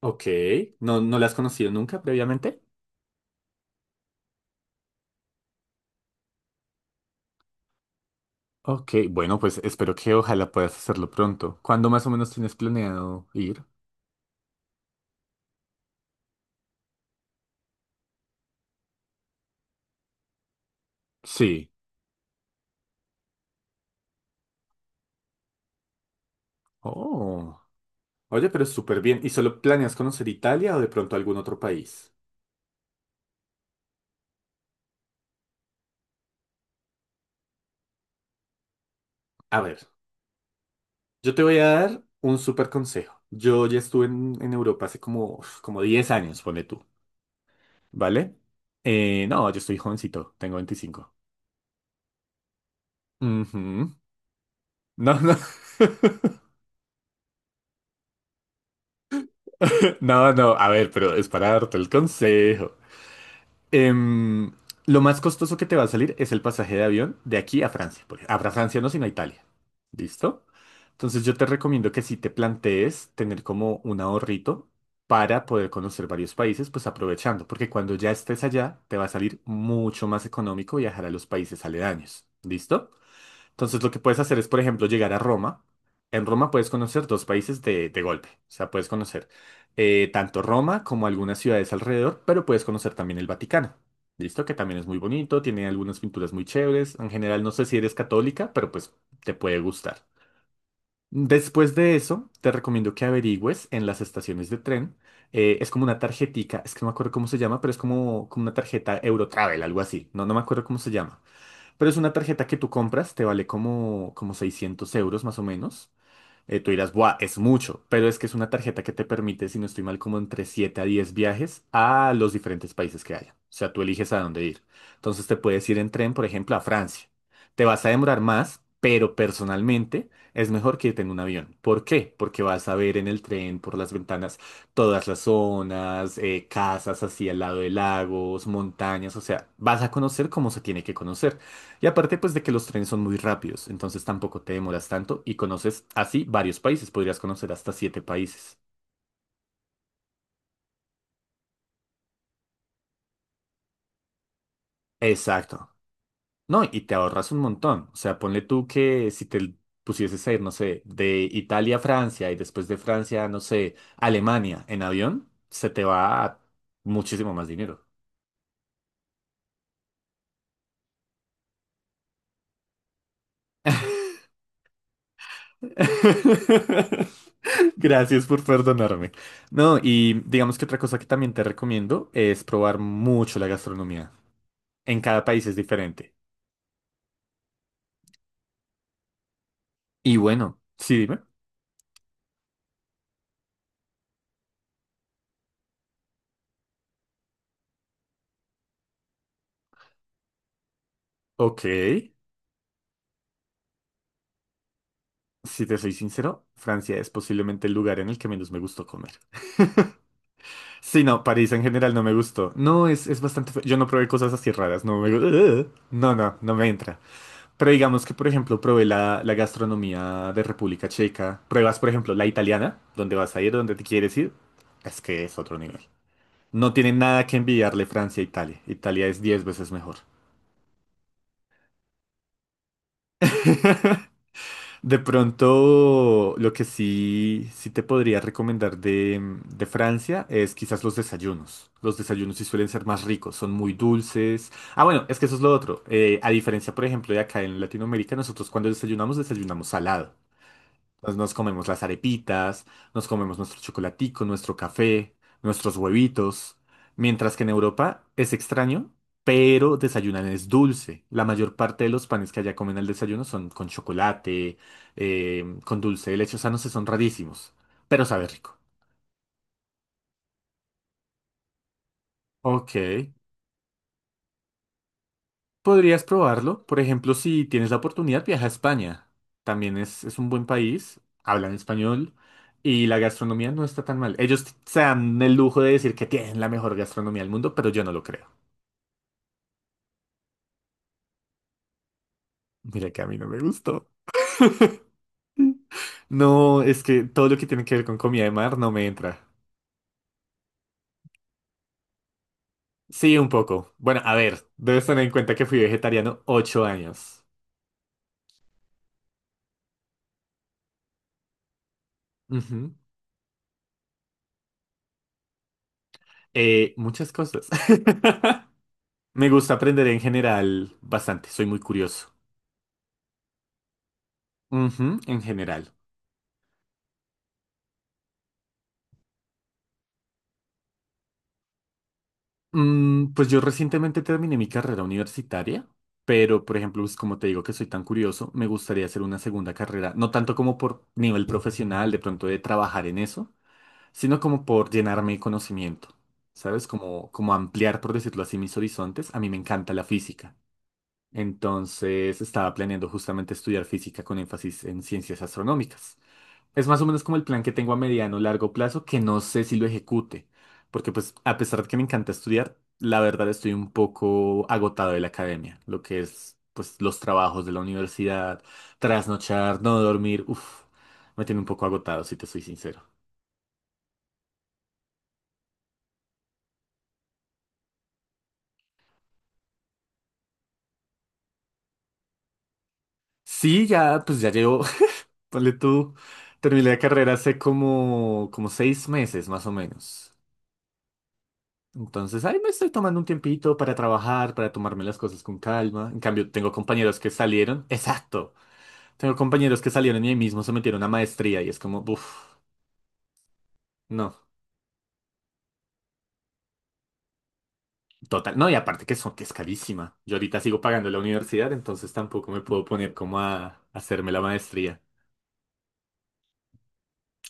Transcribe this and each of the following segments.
Ok, ¿no la has conocido nunca previamente? Ok, bueno, pues espero que ojalá puedas hacerlo pronto. ¿Cuándo más o menos tienes planeado ir? Sí. Oh, oye, pero súper bien. ¿Y solo planeas conocer Italia o de pronto algún otro país? A ver, yo te voy a dar un súper consejo. Yo ya estuve en Europa hace como, uf, como 10 años, pone tú, ¿vale? No, yo estoy jovencito, tengo 25. Ujú. No, no. No, no, a ver, pero es para darte el consejo. Em, lo más costoso que te va a salir es el pasaje de avión de aquí a Francia. A Francia no, sino a Italia. ¿Listo? Entonces yo te recomiendo que si te plantees tener como un ahorrito para poder conocer varios países, pues aprovechando, porque cuando ya estés allá, te va a salir mucho más económico viajar a los países aledaños. ¿Listo? Entonces lo que puedes hacer es, por ejemplo, llegar a Roma. En Roma puedes conocer dos países de golpe. O sea, puedes conocer tanto Roma como algunas ciudades alrededor, pero puedes conocer también el Vaticano. ¿Listo? Que también es muy bonito, tiene algunas pinturas muy chéveres. En general, no sé si eres católica, pero pues te puede gustar. Después de eso, te recomiendo que averigües en las estaciones de tren. Es como una tarjetica, es que no me acuerdo cómo se llama, pero es como, como una tarjeta Eurotravel, algo así. No, no me acuerdo cómo se llama. Pero es una tarjeta que tú compras, te vale como, como 600 € más o menos. Tú dirás, ¡buah! Es mucho, pero es que es una tarjeta que te permite, si no estoy mal, como entre 7 a 10 viajes a los diferentes países que haya. O sea, tú eliges a dónde ir. Entonces te puedes ir en tren, por ejemplo, a Francia. Te vas a demorar más, pero personalmente es mejor que irte en un avión. ¿Por qué? Porque vas a ver en el tren, por las ventanas, todas las zonas, casas así al lado de lagos, montañas, o sea, vas a conocer cómo se tiene que conocer. Y aparte, pues de que los trenes son muy rápidos, entonces tampoco te demoras tanto y conoces así varios países, podrías conocer hasta 7 países. Exacto. No, y te ahorras un montón. O sea, ponle tú que si te pusieses a ir, no sé, de Italia a Francia y después de Francia, no sé, Alemania en avión, se te va a muchísimo más dinero. Gracias por perdonarme. No, y digamos que otra cosa que también te recomiendo es probar mucho la gastronomía. En cada país es diferente. Y bueno, sí, dime. Ok, si te soy sincero, Francia es posiblemente el lugar en el que menos me gustó comer. Sí, no, París en general no me gustó. No, es bastante... fe- Yo no probé cosas así raras, no me... gu- no me entra. Pero digamos que, por ejemplo, probé la gastronomía de República Checa. Pruebas, por ejemplo, la italiana, donde vas a ir, donde te quieres ir. Es que es otro nivel. No tiene nada que envidiarle Francia a Italia. Italia es 10 veces mejor. De pronto, lo que sí, sí te podría recomendar de Francia es quizás los desayunos. Los desayunos sí suelen ser más ricos, son muy dulces. Ah, bueno, es que eso es lo otro. A diferencia, por ejemplo, de acá en Latinoamérica, nosotros cuando desayunamos, desayunamos salado. Nos comemos las arepitas, nos comemos nuestro chocolatico, nuestro café, nuestros huevitos. Mientras que en Europa es extraño, pero desayunan es dulce. La mayor parte de los panes que allá comen al desayuno son con chocolate, con dulce de leche. O sea, no sé, son rarísimos, pero sabe rico. Ok. Podrías probarlo. Por ejemplo, si tienes la oportunidad, viaja a España. También es un buen país, hablan español y la gastronomía no está tan mal. Ellos t- se dan el lujo de decir que tienen la mejor gastronomía del mundo, pero yo no lo creo. Mira que a mí no me gustó. No, es que todo lo que tiene que ver con comida de mar no me entra. Sí, un poco. Bueno, a ver, debes tener en cuenta que fui vegetariano 8 años. Ujú. Muchas cosas. Me gusta aprender en general bastante, soy muy curioso. Ujú, en general. Pues yo recientemente terminé mi carrera universitaria, pero por ejemplo, pues, como te digo que soy tan curioso, me gustaría hacer una segunda carrera, no tanto como por nivel profesional, de pronto de trabajar en eso, sino como por llenarme de conocimiento, ¿sabes? Como ampliar, por decirlo así, mis horizontes. A mí me encanta la física. Entonces estaba planeando justamente estudiar física con énfasis en ciencias astronómicas. Es más o menos como el plan que tengo a mediano o largo plazo, que no sé si lo ejecute, porque pues a pesar de que me encanta estudiar, la verdad estoy un poco agotado de la academia, lo que es pues los trabajos de la universidad, trasnochar, no dormir, uff, me tiene un poco agotado, si te soy sincero. Sí, ya pues ya llevo, ponle tú, terminé la carrera hace como, como 6 meses más o menos. Entonces, ahí me estoy tomando un tiempito para trabajar, para tomarme las cosas con calma. En cambio, tengo compañeros que salieron. Exacto. Tengo compañeros que salieron y ahí mismo se metieron a maestría y es como, uff, no, total. No, y aparte que son, que es carísima. Yo ahorita sigo pagando la universidad, entonces tampoco me puedo poner como a hacerme la maestría.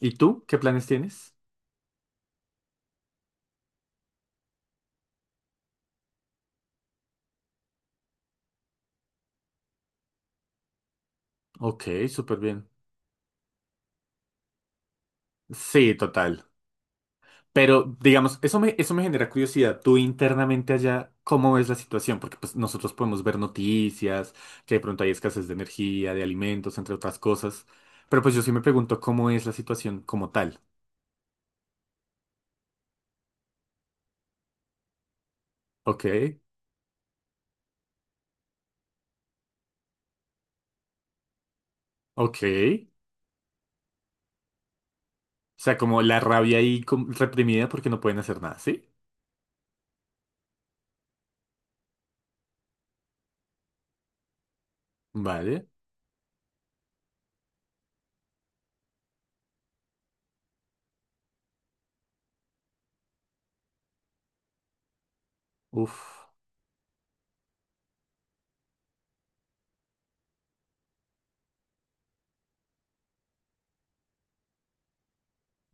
¿Y tú? ¿Qué planes tienes? Ok, súper bien. Sí, total. Pero digamos, eso me genera curiosidad. Tú internamente allá, ¿cómo ves la situación? Porque pues nosotros podemos ver noticias, que de pronto hay escasez de energía, de alimentos, entre otras cosas. Pero pues yo sí me pregunto cómo es la situación como tal. Ok. Ok. O sea, como la rabia ahí com- reprimida porque no pueden hacer nada, ¿sí? Vale. Uf.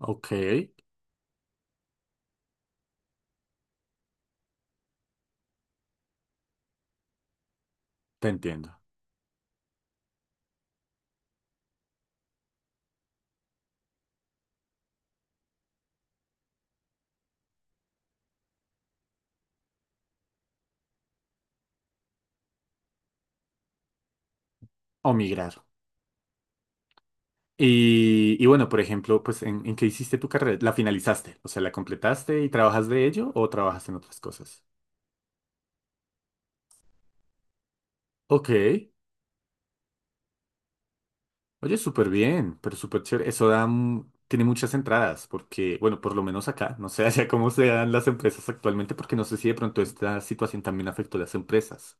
Ok. Te entiendo. O migrar. Y bueno, por ejemplo, pues, en qué hiciste tu carrera? ¿La finalizaste? O sea, ¿la completaste y trabajas de ello o trabajas en otras cosas? Ok. Oye, súper bien, pero súper chévere. Eso da, mm, tiene muchas entradas porque, bueno, por lo menos acá, no sé allá cómo se dan las empresas actualmente porque no sé si de pronto esta situación también afectó a las empresas.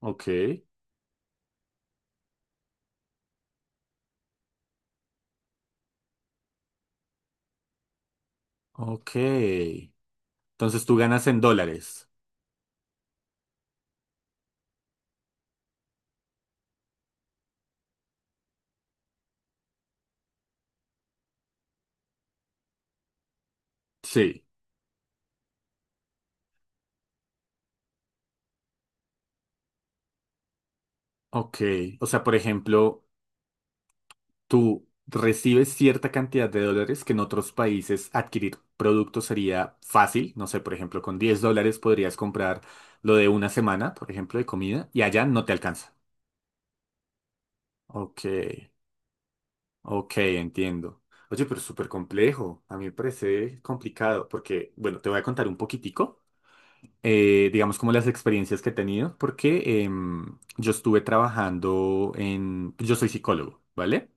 Ok. Ok. Entonces tú ganas en dólares. Sí, ok. O sea, por ejemplo, tú recibes cierta cantidad de dólares que en otros países adquirir productos sería fácil. No sé, por ejemplo, con 10 dólares podrías comprar lo de una semana, por ejemplo, de comida, y allá no te alcanza. Ok, ok, entiendo. Oye, pero es súper complejo. A mí me parece complicado porque, bueno, te voy a contar un poquitico. Digamos, como las experiencias que he tenido, porque yo estuve trabajando en, yo soy psicólogo, ¿vale?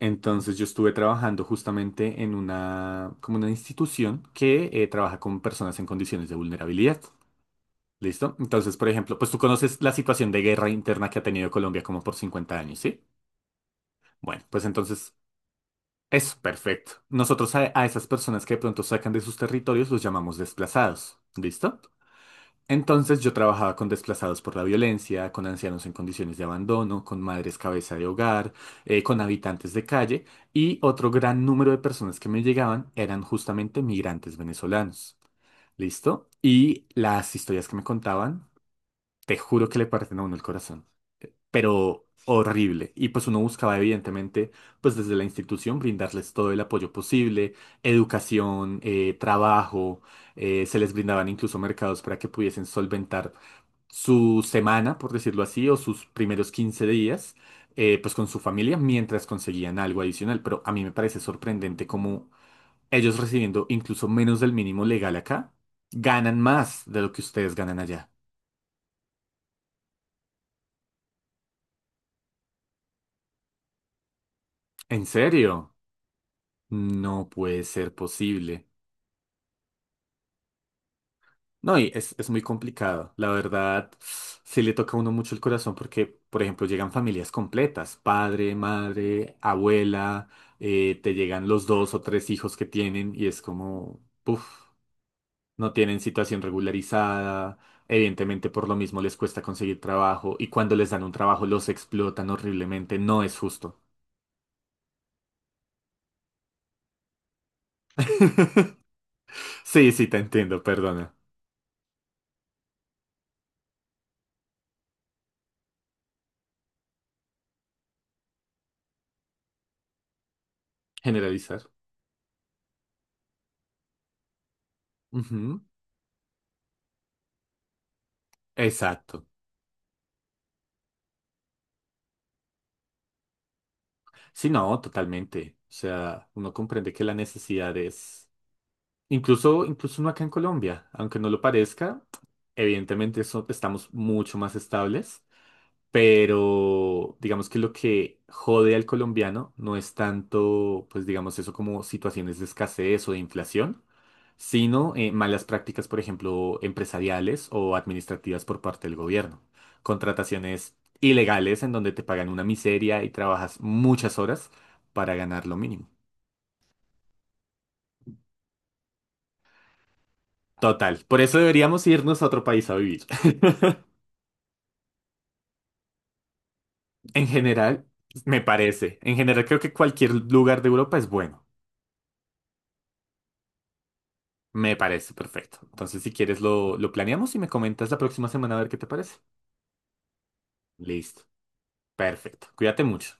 Entonces yo estuve trabajando justamente en una, como una institución que trabaja con personas en condiciones de vulnerabilidad. ¿Listo? Entonces, por ejemplo, pues tú conoces la situación de guerra interna que ha tenido Colombia como por 50 años, ¿sí? Bueno, pues entonces es perfecto. Nosotros a esas personas que de pronto sacan de sus territorios los llamamos desplazados. ¿Listo? Entonces yo trabajaba con desplazados por la violencia, con ancianos en condiciones de abandono, con madres cabeza de hogar, con habitantes de calle y otro gran número de personas que me llegaban eran justamente migrantes venezolanos. ¿Listo? Y las historias que me contaban, te juro que le parten a uno el corazón, pero horrible. Y pues uno buscaba evidentemente, pues desde la institución, brindarles todo el apoyo posible, educación, trabajo, se les brindaban incluso mercados para que pudiesen solventar su semana, por decirlo así, o sus primeros 15 días, pues con su familia mientras conseguían algo adicional. Pero a mí me parece sorprendente cómo ellos recibiendo incluso menos del mínimo legal acá, ganan más de lo que ustedes ganan allá. ¿En serio? No puede ser posible. No, y es muy complicado. La verdad, sí le toca a uno mucho el corazón porque, por ejemplo, llegan familias completas, padre, madre, abuela, te llegan los dos o tres hijos que tienen y es como, puff, no tienen situación regularizada, evidentemente por lo mismo les cuesta conseguir trabajo y cuando les dan un trabajo los explotan horriblemente, no es justo. Sí, sí, te entiendo, perdona. Generalizar. Ujú, Exacto. Sí, no, totalmente. O sea, uno comprende que la necesidad es, incluso, incluso uno acá en Colombia, aunque no lo parezca, evidentemente eso- estamos mucho más estables, pero digamos que lo que jode al colombiano no es tanto, pues digamos eso como situaciones de escasez o de inflación, sino malas prácticas, por ejemplo, empresariales o administrativas por parte del gobierno. Contrataciones ilegales en donde te pagan una miseria y trabajas muchas horas para ganar lo mínimo. Total, por eso deberíamos irnos a otro país a vivir. En general, me parece. En general, creo que cualquier lugar de Europa es bueno. Me parece perfecto. Entonces, si quieres, lo planeamos y me comentas la próxima semana a ver qué te parece. Listo. Perfecto. Cuídate mucho.